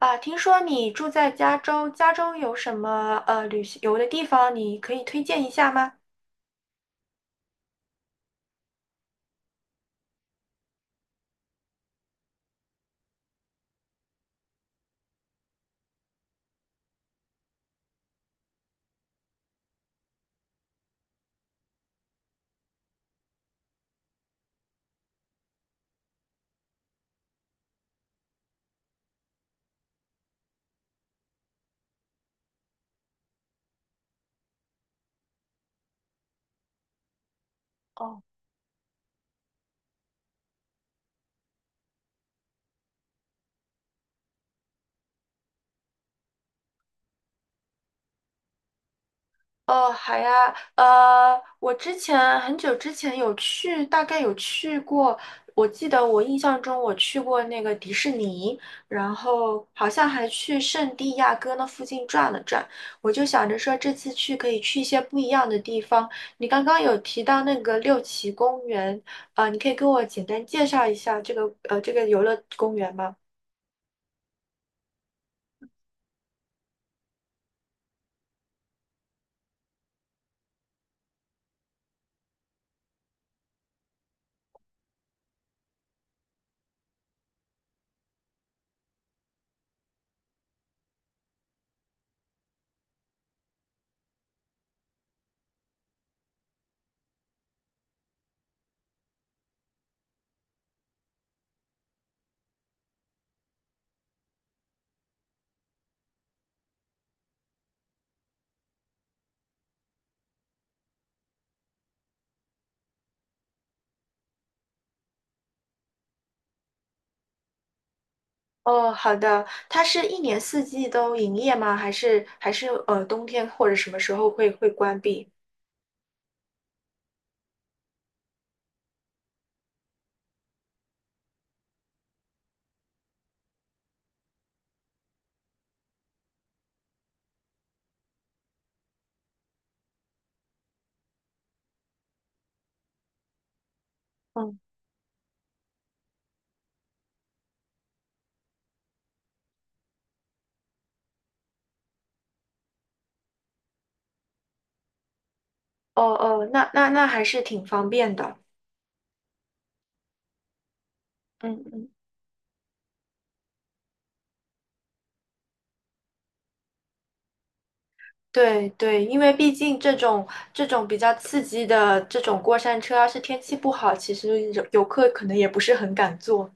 啊，听说你住在加州，加州有什么旅游的地方，你可以推荐一下吗？哦。哦，好呀，我之前很久之前有去，大概有去过，我记得我印象中我去过那个迪士尼，然后好像还去圣地亚哥那附近转了转。我就想着说这次去可以去一些不一样的地方。你刚刚有提到那个六旗公园，呃，你可以跟我简单介绍一下这个游乐公园吗？哦，好的。它是一年四季都营业吗？还是冬天或者什么时候会关闭？嗯。哦哦，那还是挺方便的。嗯嗯。对对，因为毕竟这种比较刺激的这种过山车，要是天气不好，其实游客可能也不是很敢坐。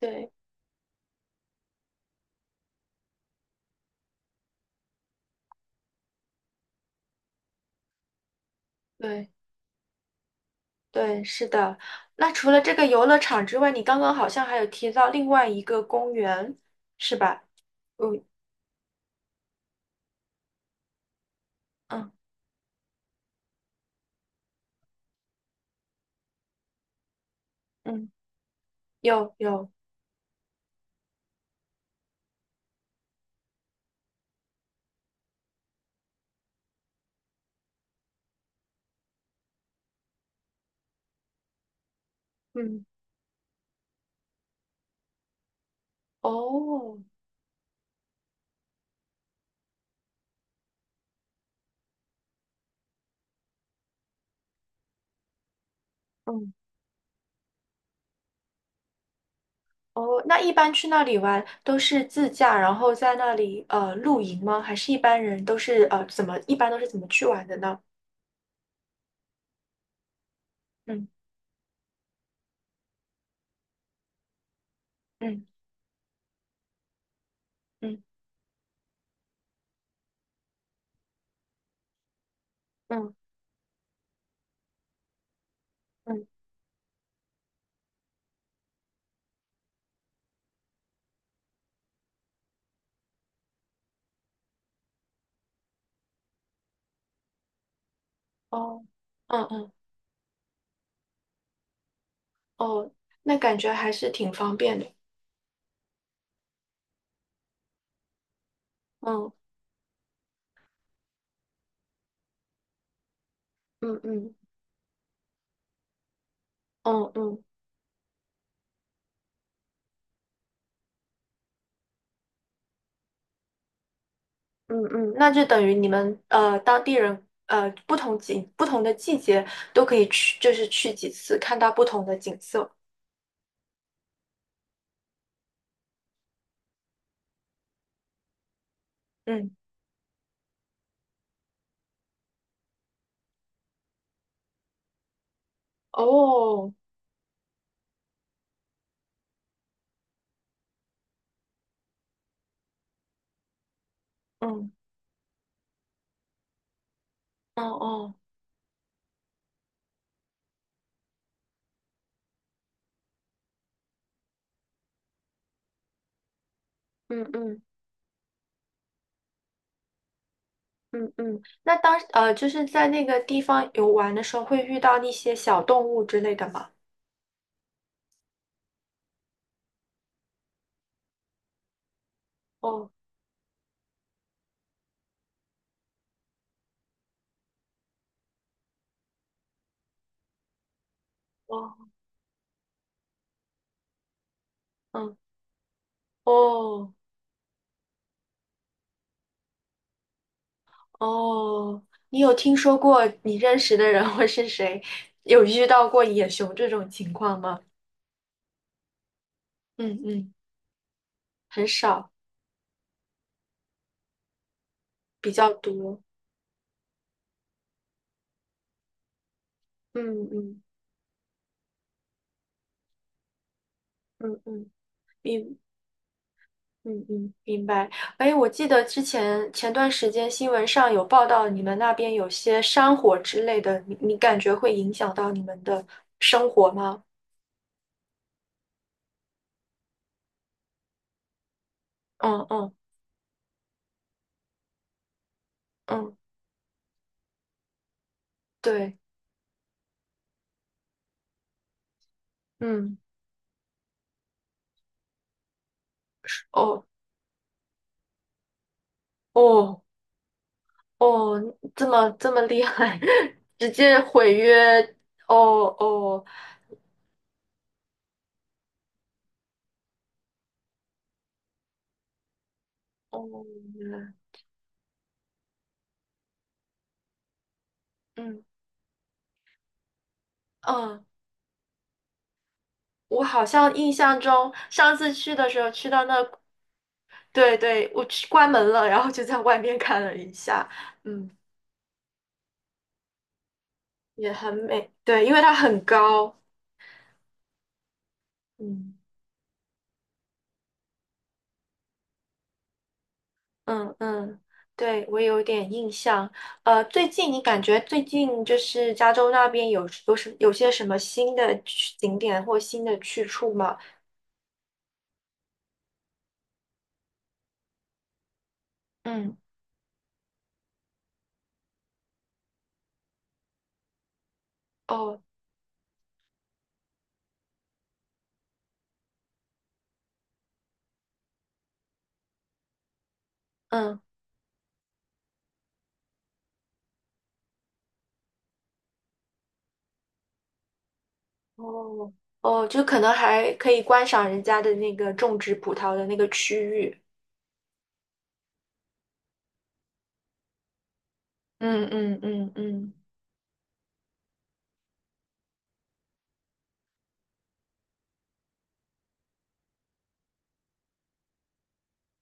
对。对，对，是的。那除了这个游乐场之外，你刚刚好像还有提到另外一个公园，是吧？嗯。嗯嗯，有有。嗯。哦。嗯。哦，那一般去那里玩都是自驾，然后在那里露营吗？还是一般人都是呃怎么一般都是怎么去玩的呢？嗯嗯嗯嗯。嗯，哦。嗯嗯。哦，那感觉还是挺方便的。嗯嗯嗯嗯嗯嗯，那就等于你们当地人不同的季节都可以去，就是去几次，看到不同的景色。嗯。哦。嗯。哦哦。嗯嗯嗯嗯，那，就是在那个地方游玩的时候，会遇到那些小动物之类的吗？哦哦。嗯。哦哦，你有听说过你认识的人或是谁有遇到过野熊这种情况吗？嗯嗯，很少。比较多。嗯嗯嗯嗯。明嗯，明白。哎，我记得之前前段时间新闻上有报道，你们那边有些山火之类的，你感觉会影响到你们的生活吗？嗯嗯。嗯，对。嗯。哦哦哦，这么厉害，直接毁约。哦哦哦，原来。嗯嗯，我好像印象中上次去的时候去到那。对对，我去关门了，然后就在外面看了一下。嗯。也很美，对，因为它很高。嗯。嗯嗯，对，我有点印象。呃，最近你感觉最近就是加州那边有些什么新的景点或新的去处吗？嗯。哦。嗯。哦哦，就可能还可以观赏人家的那个种植葡萄的那个区域。嗯，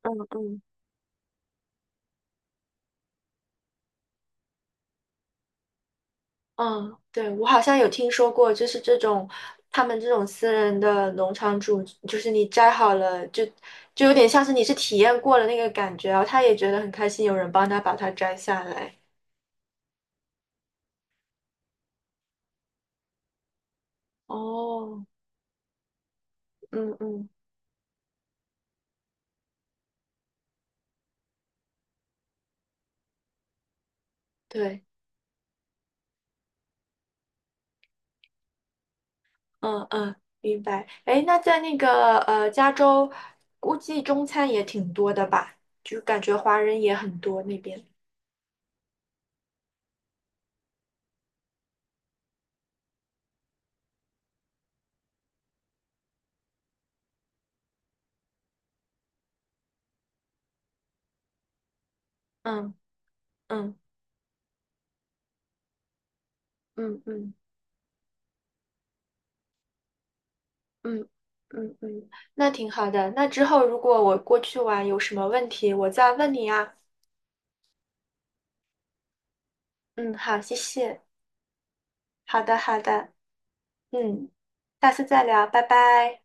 嗯嗯。嗯，对，我好像有听说过，就是这种他们这种私人的农场主，就是你摘好了，就有点像是你是体验过了那个感觉，然后他也觉得很开心，有人帮他把它摘下来。哦。嗯嗯。对。嗯嗯，明白。哎，那在那个加州，估计中餐也挺多的吧，就感觉华人也很多那边。嗯嗯嗯。嗯嗯，那挺好的。那之后如果我过去玩有什么问题，我再问你啊。嗯，好，谢谢。好的，好的。嗯，下次再聊，拜拜。